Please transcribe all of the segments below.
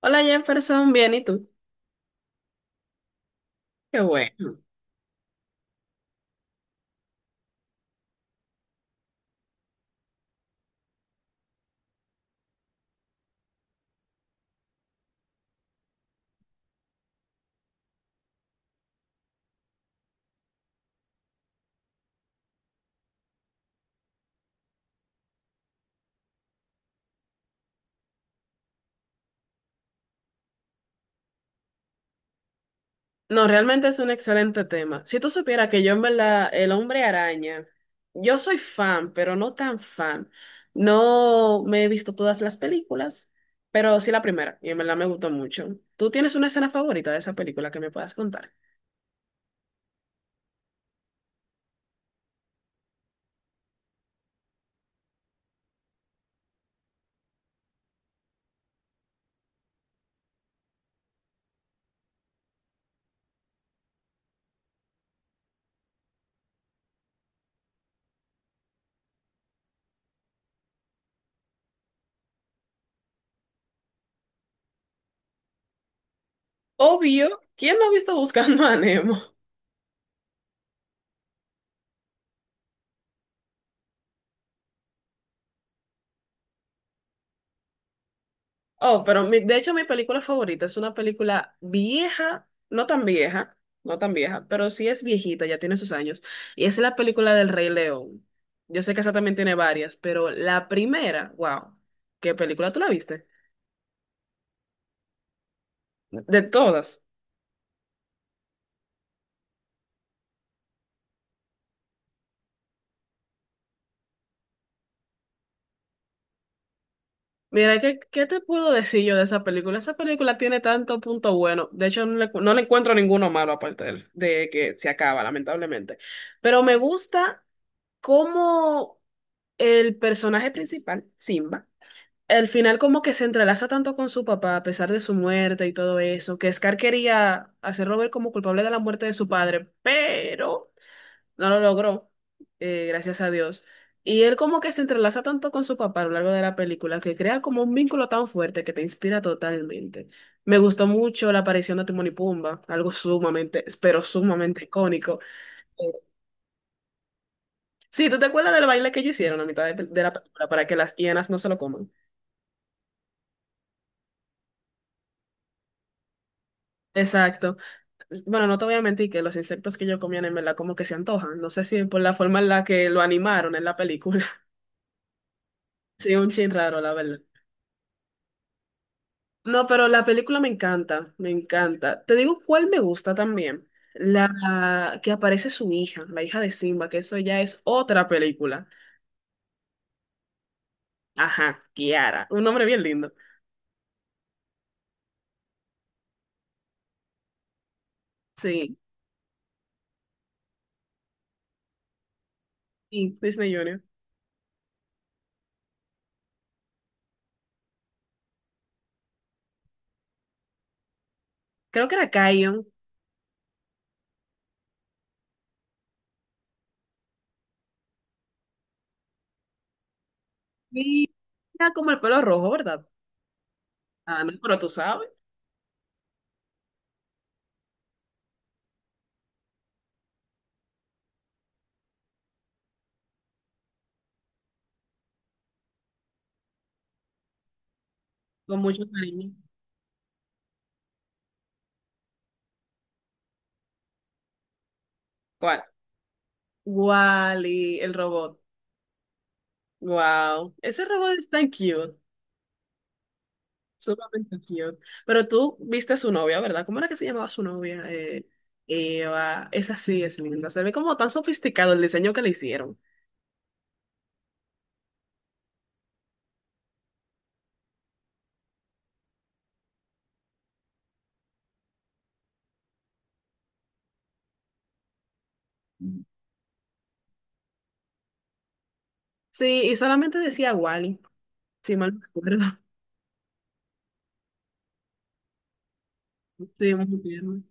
Hola Jefferson, bien, ¿y tú? Qué bueno. No, realmente es un excelente tema. Si tú supieras que yo en verdad, el hombre araña, yo soy fan, pero no tan fan. No me he visto todas las películas, pero sí la primera, y en verdad me gustó mucho. ¿Tú tienes una escena favorita de esa película que me puedas contar? Obvio, ¿quién no ha visto Buscando a Nemo? Oh, pero de hecho mi película favorita es una película vieja, no tan vieja, pero sí es viejita, ya tiene sus años, y es la película del Rey León. Yo sé que esa también tiene varias, pero la primera, wow, ¿qué película tú la viste? De todas. Mira, ¿ qué te puedo decir yo de esa película? Esa película tiene tanto punto bueno, de hecho no le encuentro ninguno malo aparte de que se acaba, lamentablemente, pero me gusta cómo el personaje principal, Simba. El final como que se entrelaza tanto con su papá, a pesar de su muerte y todo eso, que Scar quería hacerlo ver como culpable de la muerte de su padre, pero no lo logró, gracias a Dios. Y él como que se entrelaza tanto con su papá a lo largo de la película, que crea como un vínculo tan fuerte que te inspira totalmente. Me gustó mucho la aparición de Timón y Pumba, algo sumamente, pero sumamente icónico. Eh, Sí, ¿tú te acuerdas del baile que ellos hicieron a mitad de la película para que las hienas no se lo coman? Exacto. Bueno, no te voy a mentir que los insectos que yo comía en verdad como que se antojan. No sé si por la forma en la que lo animaron en la película. Sí, un chin raro, la verdad. No, pero la película me encanta, me encanta. Te digo cuál me gusta también. La que aparece su hija, la hija de Simba, que eso ya es otra película. Ajá, Kiara. Un nombre bien lindo. Sí, sí, Disney Junior. Creo que era Kion. Y era como el pelo rojo, ¿verdad? Ah, no, pero tú sabes, con mucho cariño. ¿Cuál? Wally, el robot. Wow, ese robot es tan cute, sumamente cute. Pero tú viste a su novia, ¿verdad? ¿Cómo era que se llamaba su novia? Eva, esa sí es linda. Se ve como tan sofisticado el diseño que le hicieron. Sí, y solamente decía Wally, si mal no recuerdo. Sí, muy bien.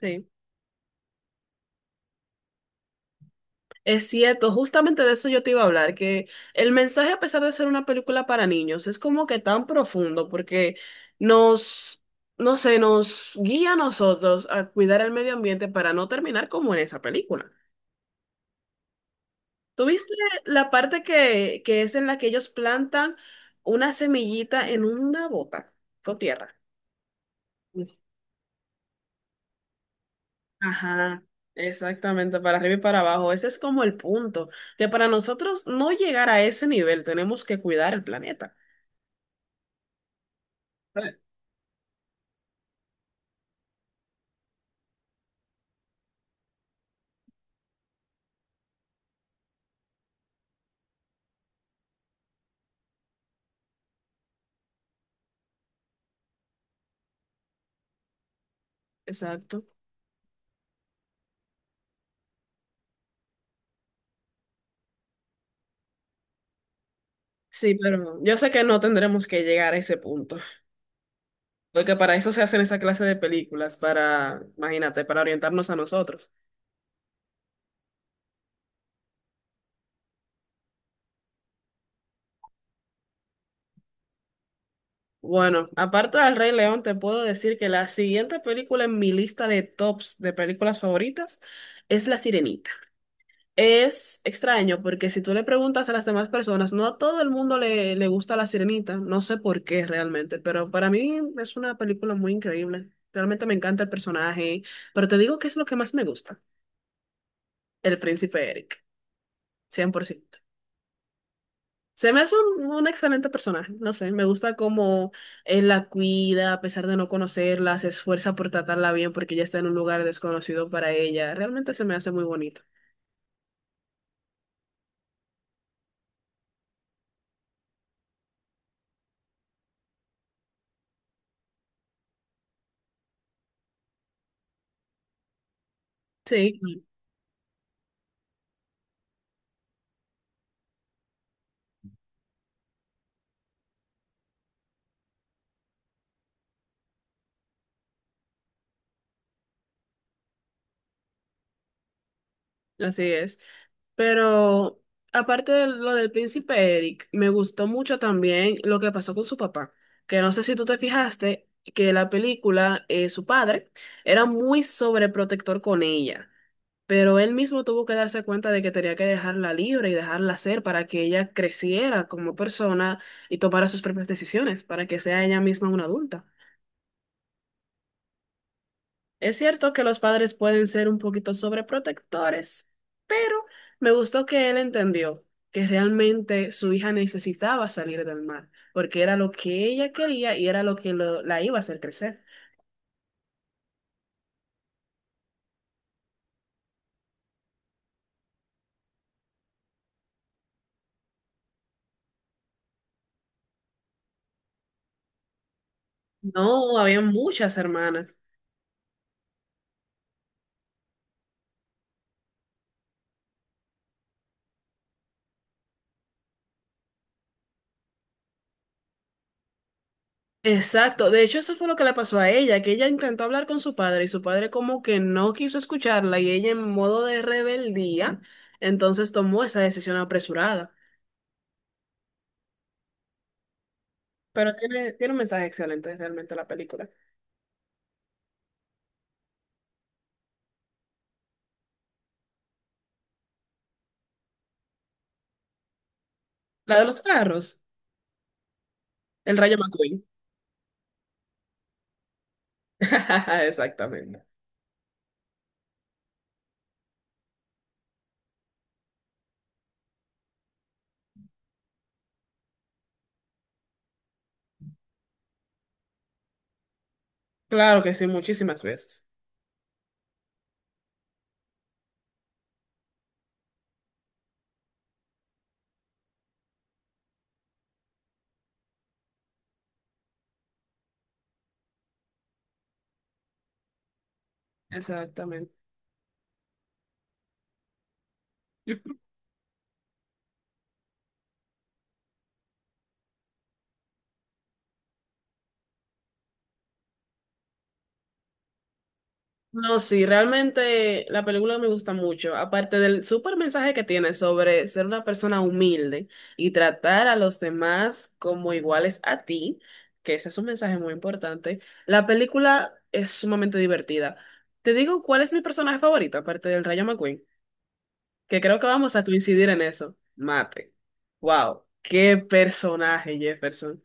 Sí. Es cierto, justamente de eso yo te iba a hablar, que el mensaje, a pesar de ser una película para niños, es como que tan profundo porque nos, no sé, nos guía a nosotros a cuidar el medio ambiente para no terminar como en esa película. ¿Tuviste la parte que es en la que ellos plantan una semillita en una bota con tierra? Ajá, exactamente, para arriba y para abajo. Ese es como el punto, que para nosotros no llegar a ese nivel tenemos que cuidar el planeta. Exacto. Sí, pero yo sé que no tendremos que llegar a ese punto, porque para eso se hacen esa clase de películas, para, imagínate, para orientarnos a nosotros. Bueno, aparte del Rey León, te puedo decir que la siguiente película en mi lista de tops de películas favoritas es La Sirenita. Es extraño porque si tú le preguntas a las demás personas, no a todo el mundo le gusta La Sirenita, no sé por qué realmente, pero para mí es una película muy increíble. Realmente me encanta el personaje, pero te digo que es lo que más me gusta. El príncipe Eric, 100%. Se me hace un excelente personaje, no sé, me gusta cómo él la cuida, a pesar de no conocerla, se esfuerza por tratarla bien porque ella está en un lugar desconocido para ella. Realmente se me hace muy bonito. Sí, así es. Pero aparte de lo del príncipe Eric, me gustó mucho también lo que pasó con su papá, que no sé si tú te fijaste que la película, su padre, era muy sobreprotector con ella. Pero él mismo tuvo que darse cuenta de que tenía que dejarla libre y dejarla ser para que ella creciera como persona y tomara sus propias decisiones, para que sea ella misma una adulta. Es cierto que los padres pueden ser un poquito sobreprotectores, pero me gustó que él entendió que realmente su hija necesitaba salir del mar, porque era lo que ella quería y era lo que la iba a hacer crecer. No, había muchas hermanas. Exacto, de hecho eso fue lo que le pasó a ella, que ella intentó hablar con su padre y su padre como que no quiso escucharla y ella en modo de rebeldía, entonces tomó esa decisión apresurada. Pero tiene un mensaje excelente realmente la película. La de los carros, el Rayo McQueen. Exactamente. Claro que sí, muchísimas veces. Exactamente. No, sí, realmente la película me gusta mucho, aparte del súper mensaje que tiene sobre ser una persona humilde y tratar a los demás como iguales a ti, que ese es un mensaje muy importante, la película es sumamente divertida. Te digo cuál es mi personaje favorito, aparte del Rayo McQueen, que creo que vamos a coincidir en eso. Mate. Wow, qué personaje, Jefferson.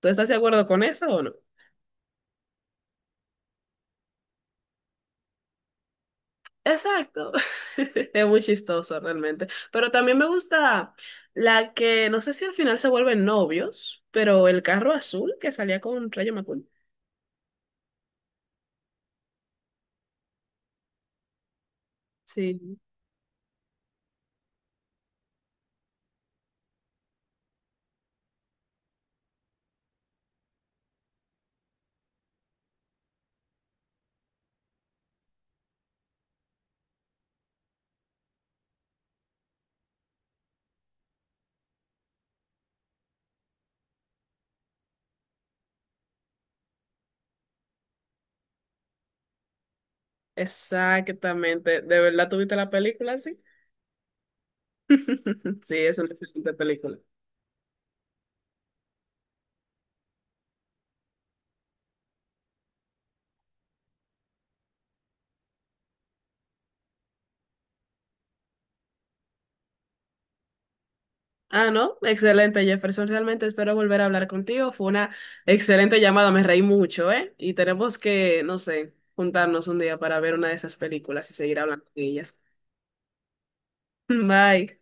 ¿Tú estás de acuerdo con eso o no? Exacto. Es muy chistoso realmente. Pero también me gusta la que, no sé si al final se vuelven novios, pero el carro azul que salía con Rayo McQueen. Sí, exactamente. ¿De verdad tuviste la película así? Sí, es una excelente película. Ah, no, excelente, Jefferson. Realmente espero volver a hablar contigo. Fue una excelente llamada, me reí mucho, ¿eh? Y tenemos que, no sé, juntarnos un día para ver una de esas películas y seguir hablando de ellas. Bye.